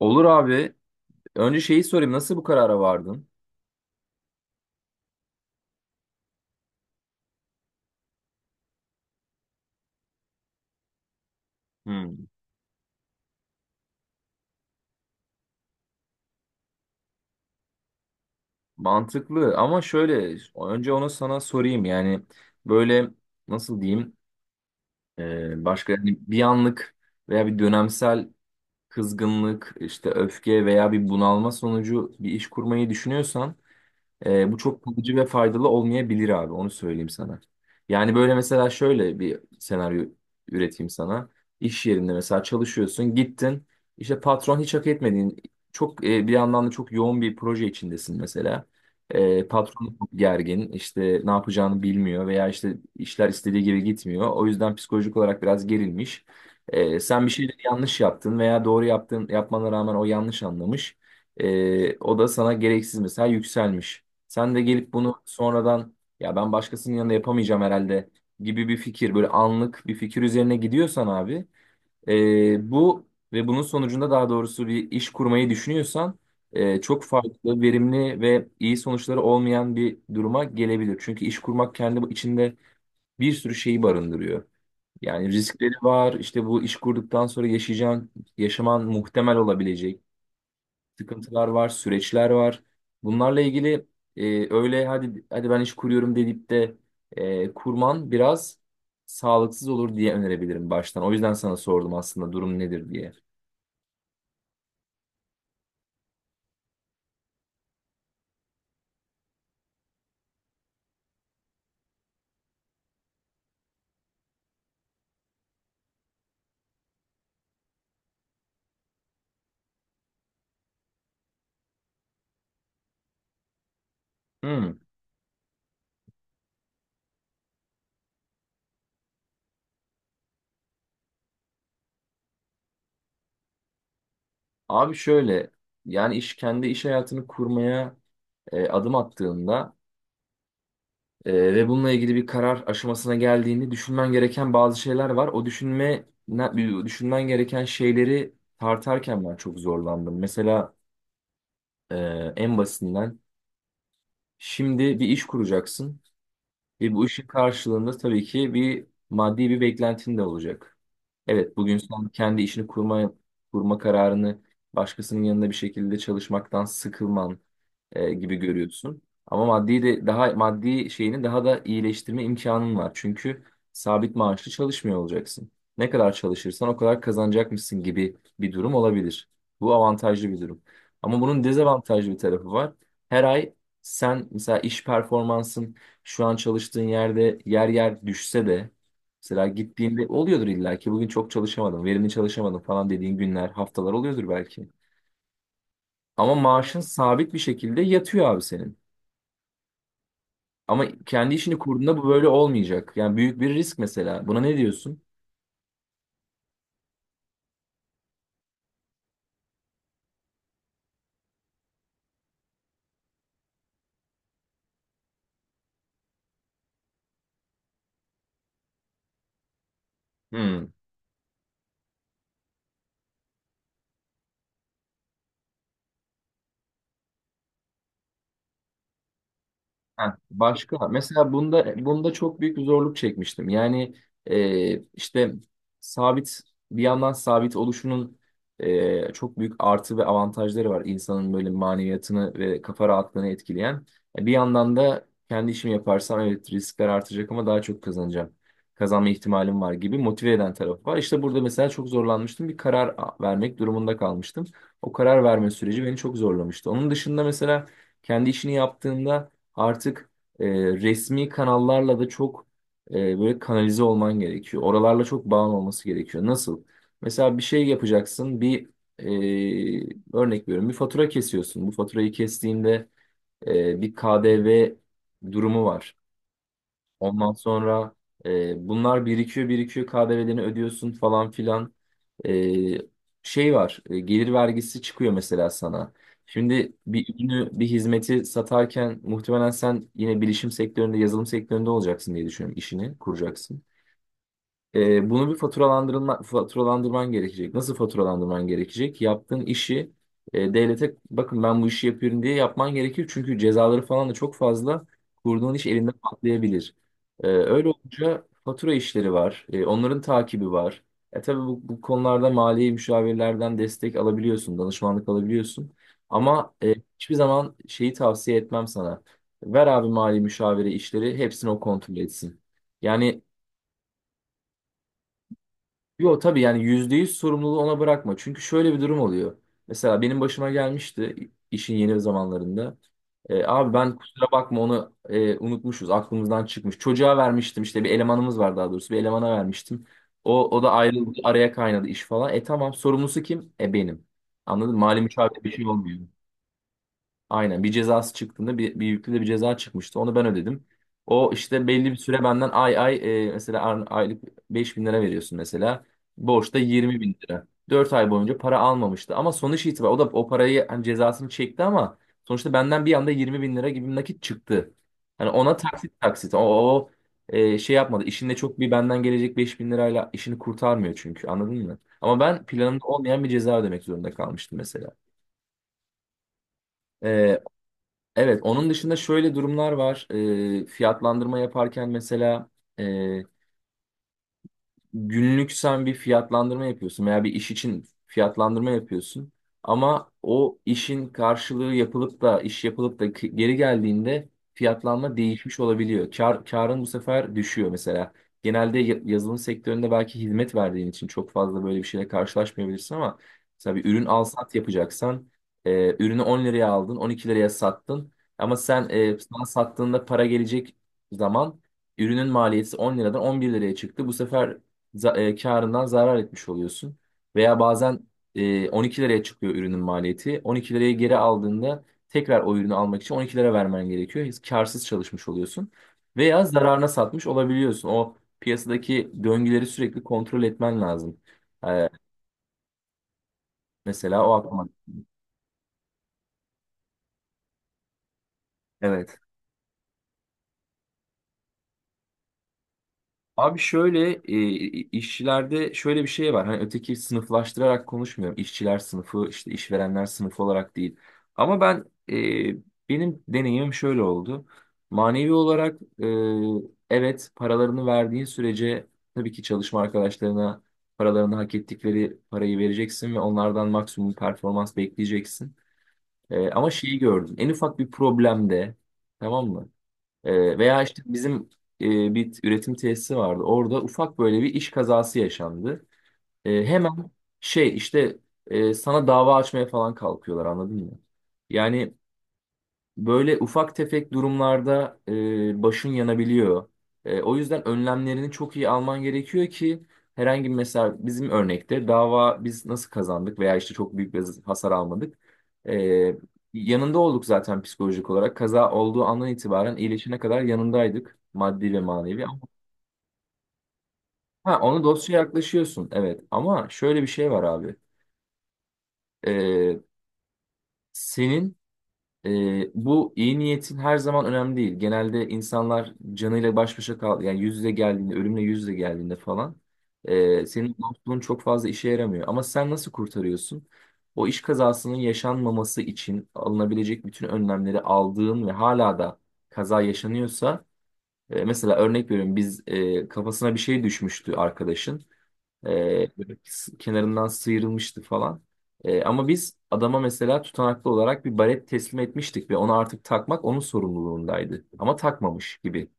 Olur abi. Önce şeyi sorayım. Nasıl bu karara vardın? Hmm. Mantıklı, ama şöyle, önce onu sana sorayım. Yani, böyle, nasıl diyeyim? Başka, yani bir anlık veya bir dönemsel kızgınlık, işte öfke veya bir bunalma sonucu bir iş kurmayı düşünüyorsan bu çok kalıcı ve faydalı olmayabilir abi, onu söyleyeyim sana. Yani böyle mesela şöyle bir senaryo üreteyim sana. İş yerinde mesela çalışıyorsun, gittin işte patron hiç hak etmediğin çok bir yandan da çok yoğun bir proje içindesin mesela. Patron çok gergin, işte ne yapacağını bilmiyor veya işte işler istediği gibi gitmiyor. O yüzden psikolojik olarak biraz gerilmiş. Sen bir şeyleri yanlış yaptın veya doğru yaptın, yapmana rağmen o yanlış anlamış. O da sana gereksiz mesela yükselmiş. Sen de gelip bunu sonradan, ya ben başkasının yanında yapamayacağım herhalde gibi bir fikir, böyle anlık bir fikir üzerine gidiyorsan abi, bu ve bunun sonucunda, daha doğrusu, bir iş kurmayı düşünüyorsan, çok farklı, verimli ve iyi sonuçları olmayan bir duruma gelebilir. Çünkü iş kurmak kendi içinde bir sürü şeyi barındırıyor. Yani riskleri var, işte bu iş kurduktan sonra yaşayacağın, yaşaman muhtemel olabilecek sıkıntılar var, süreçler var. Bunlarla ilgili öyle hadi hadi ben iş kuruyorum deyip de kurman biraz sağlıksız olur diye önerebilirim baştan. O yüzden sana sordum aslında, durum nedir diye. Hmm. Abi şöyle, yani iş, kendi iş hayatını kurmaya adım attığında ve bununla ilgili bir karar aşamasına geldiğini düşünmen gereken bazı şeyler var. O düşünmen gereken şeyleri tartarken ben çok zorlandım. Mesela e, en basitinden, şimdi bir iş kuracaksın ve bu işin karşılığında tabii ki bir maddi bir beklentin de olacak. Evet, bugün sen kendi işini kurma kararını başkasının yanında bir şekilde çalışmaktan sıkılman gibi görüyorsun. Ama maddi de, daha maddi şeyini daha da iyileştirme imkanın var. Çünkü sabit maaşlı çalışmıyor olacaksın. Ne kadar çalışırsan o kadar kazanacakmışsın gibi bir durum olabilir. Bu avantajlı bir durum. Ama bunun dezavantajlı bir tarafı var. Her ay, sen mesela iş performansın şu an çalıştığın yerde yer yer düşse de, mesela gittiğinde oluyordur illa ki, bugün çok çalışamadım, verimli çalışamadım falan dediğin günler, haftalar oluyordur belki. Ama maaşın sabit bir şekilde yatıyor abi senin. Ama kendi işini kurduğunda bu böyle olmayacak. Yani büyük bir risk mesela. Buna ne diyorsun? Hmm. Ha, başka. Mesela bunda çok büyük bir zorluk çekmiştim. Yani işte sabit, bir yandan sabit oluşunun çok büyük artı ve avantajları var. İnsanın böyle maneviyatını ve kafa rahatlığını etkileyen. E, bir yandan da kendi işimi yaparsam, evet riskler artacak ama daha çok kazanacağım. Kazanma ihtimalim var gibi motive eden tarafı var. İşte burada mesela çok zorlanmıştım. Bir vermek durumunda kalmıştım. O karar verme süreci beni çok zorlamıştı. Onun dışında mesela, kendi işini yaptığında artık e, resmi kanallarla da çok e, böyle kanalize olman gerekiyor. Oralarla çok bağın olması gerekiyor. Nasıl? Mesela bir şey yapacaksın, bir örnek veriyorum, bir fatura kesiyorsun. Bu faturayı kestiğinde bir KDV durumu var. Ondan sonra bunlar birikiyor birikiyor, KDV'lerini ödüyorsun falan filan. E, Şey var, gelir vergisi çıkıyor mesela sana. Şimdi bir ürünü, bir hizmeti satarken muhtemelen sen yine bilişim sektöründe, yazılım sektöründe olacaksın diye düşünüyorum, işini kuracaksın. Bunu bir faturalandırman gerekecek. Nasıl faturalandırman gerekecek? Yaptığın işi devlete, bakın ben bu işi yapıyorum diye, yapman gerekir. Çünkü cezaları falan da çok fazla. Kurduğun iş elinde patlayabilir. Öyle olunca fatura işleri var. E, onların takibi var. Tabii bu konularda mali müşavirlerden destek alabiliyorsun, danışmanlık alabiliyorsun. Ama hiçbir zaman şeyi tavsiye etmem sana, ver abi mali müşavire işleri, hepsini o kontrol etsin. Yani yo, tabii yani %100 sorumluluğu ona bırakma. Çünkü şöyle bir durum oluyor. Mesela benim başıma gelmişti işin yeni zamanlarında. E, abi ben kusura bakma, onu unutmuşuz, aklımızdan çıkmış. Çocuğa vermiştim işte, bir elemanımız var daha doğrusu. Bir elemana vermiştim. O da ayrıldı. Araya kaynadı iş falan. E, tamam, sorumlusu kim? E, benim. Anladın mı? Mali müşavir bir şey olmuyor. Aynen, bir cezası çıktığında bir yüklü de bir ceza çıkmıştı. Onu ben ödedim. O işte belli bir süre benden ay ay, mesela aylık 5.000 lira veriyorsun mesela. Borçta 20.000 lira. 4 ay boyunca para almamıştı. Ama sonuç itibariyle o da o parayı, hani cezasını çekti ama sonuçta benden bir anda 20.000 lira gibi bir nakit çıktı. Hani ona taksit taksit, şey yapmadı. İşinde çok bir benden gelecek 5.000 lirayla işini kurtarmıyor çünkü, anladın mı? Ama ben planımda olmayan bir ceza ödemek zorunda kalmıştım mesela. E, evet, onun dışında şöyle durumlar var. Fiyatlandırma yaparken mesela günlük sen bir fiyatlandırma yapıyorsun veya bir iş için fiyatlandırma yapıyorsun. Ama o işin karşılığı yapılıp da, iş yapılıp da ki- geri geldiğinde fiyatlanma değişmiş olabiliyor. Karın bu sefer düşüyor mesela. Genelde yazılım sektöründe belki hizmet verdiğin için çok fazla böyle bir şeyle karşılaşmayabilirsin, ama mesela bir ürün al sat yapacaksan ürünü 10 liraya aldın, 12 liraya sattın, ama sen sana sattığında para gelecek zaman, ürünün maliyeti 10 liradan 11 liraya çıktı. Bu sefer karından zarar etmiş oluyorsun. Veya bazen 12 liraya çıkıyor ürünün maliyeti. 12 liraya geri aldığında tekrar o ürünü almak için 12 lira vermen gerekiyor. Hiç karsız çalışmış oluyorsun. Veya zararına satmış olabiliyorsun. O piyasadaki döngüleri sürekli kontrol etmen lazım. E, mesela o aklıma. Evet. Abi şöyle, işçilerde şöyle bir şey var. Hani, öteki sınıflaştırarak konuşmuyorum, İşçiler sınıfı işte, işverenler sınıfı olarak değil. Ama ben, e, benim deneyimim şöyle oldu. Manevi olarak, evet, paralarını verdiğin sürece tabii ki çalışma arkadaşlarına paralarını, hak ettikleri parayı vereceksin ve onlardan maksimum performans bekleyeceksin. E, ama şeyi gördüm. En ufak bir problemde, tamam mı? Veya işte bizim bir üretim tesisi vardı. Orada ufak böyle bir iş kazası yaşandı. Hemen şey işte, sana dava açmaya falan kalkıyorlar, anladın mı? Yani, böyle ufak tefek durumlarda başın yanabiliyor. E, o yüzden önlemlerini çok iyi alman gerekiyor ki herhangi bir, mesela bizim örnekte dava, biz nasıl kazandık veya işte çok büyük bir hasar almadık. E, Yanında olduk zaten, psikolojik olarak. Kaza olduğu andan itibaren iyileşene kadar yanındaydık, maddi ve manevi. Ama, ha, onu dosyaya yaklaşıyorsun evet, ama şöyle bir şey var abi. E, senin Bu iyi niyetin her zaman önemli değil. Genelde insanlar canıyla baş başa kal, yani yüz yüze geldiğinde, ölümle yüz yüze geldiğinde falan, senin dostluğun çok fazla işe yaramıyor. Ama sen nasıl kurtarıyorsun? O iş kazasının yaşanmaması için alınabilecek bütün önlemleri aldığın ve hala da kaza yaşanıyorsa, mesela örnek veriyorum, biz, kafasına bir şey düşmüştü arkadaşın. Ee, Kenarından sıyrılmıştı falan. Ama biz adama mesela tutanaklı olarak bir baret teslim etmiştik ve onu artık takmak onun sorumluluğundaydı. Ama takmamış gibi.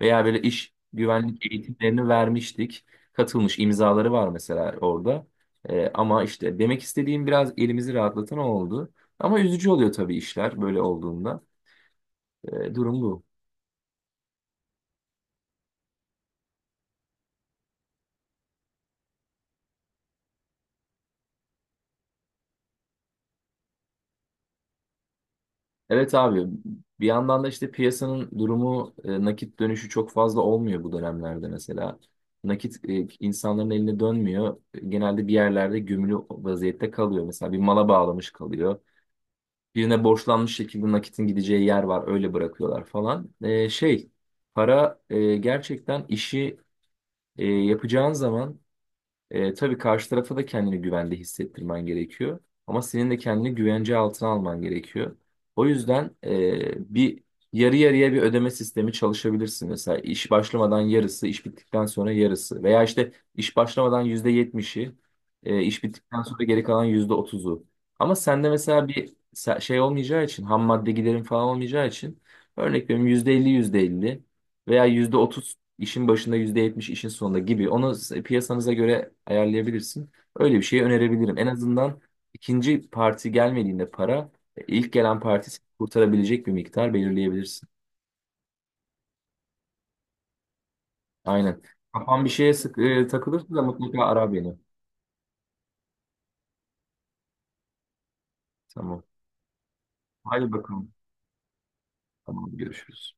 Veya böyle iş güvenlik eğitimlerini vermiştik, katılmış imzaları var mesela orada. Ama işte demek istediğim, biraz elimizi rahatlatan o oldu. Ama üzücü oluyor tabii işler böyle olduğunda. Durum bu. Evet abi, bir yandan da işte piyasanın durumu, nakit dönüşü çok fazla olmuyor bu dönemlerde mesela. Nakit insanların eline dönmüyor. Genelde bir yerlerde gömülü vaziyette kalıyor. Mesela bir mala bağlamış kalıyor, birine borçlanmış, şekilde nakitin gideceği yer var, öyle bırakıyorlar falan. E, şey, para, gerçekten işi yapacağın zaman, tabii karşı tarafa da kendini güvende hissettirmen gerekiyor. Ama senin de kendini güvence altına alman gerekiyor. O yüzden, bir yarı yarıya bir ödeme sistemi çalışabilirsin. Mesela iş başlamadan yarısı, iş bittikten sonra yarısı. Veya işte iş başlamadan %70'i, iş bittikten sonra geri kalan %30'u. Ama sende mesela şey olmayacağı için, ham madde giderin falan olmayacağı için, örnek veriyorum %50, yüzde elli veya %30. İşin başında %70, işin sonunda gibi. Onu piyasanıza göre ayarlayabilirsin. Öyle bir şey önerebilirim. En azından ikinci parti gelmediğinde para, ilk gelen parti seni kurtarabilecek bir miktar belirleyebilirsin. Aynen. Kafan bir şeye takılırsa da mutlaka ara beni. Tamam. Hadi bakalım. Tamam görüşürüz.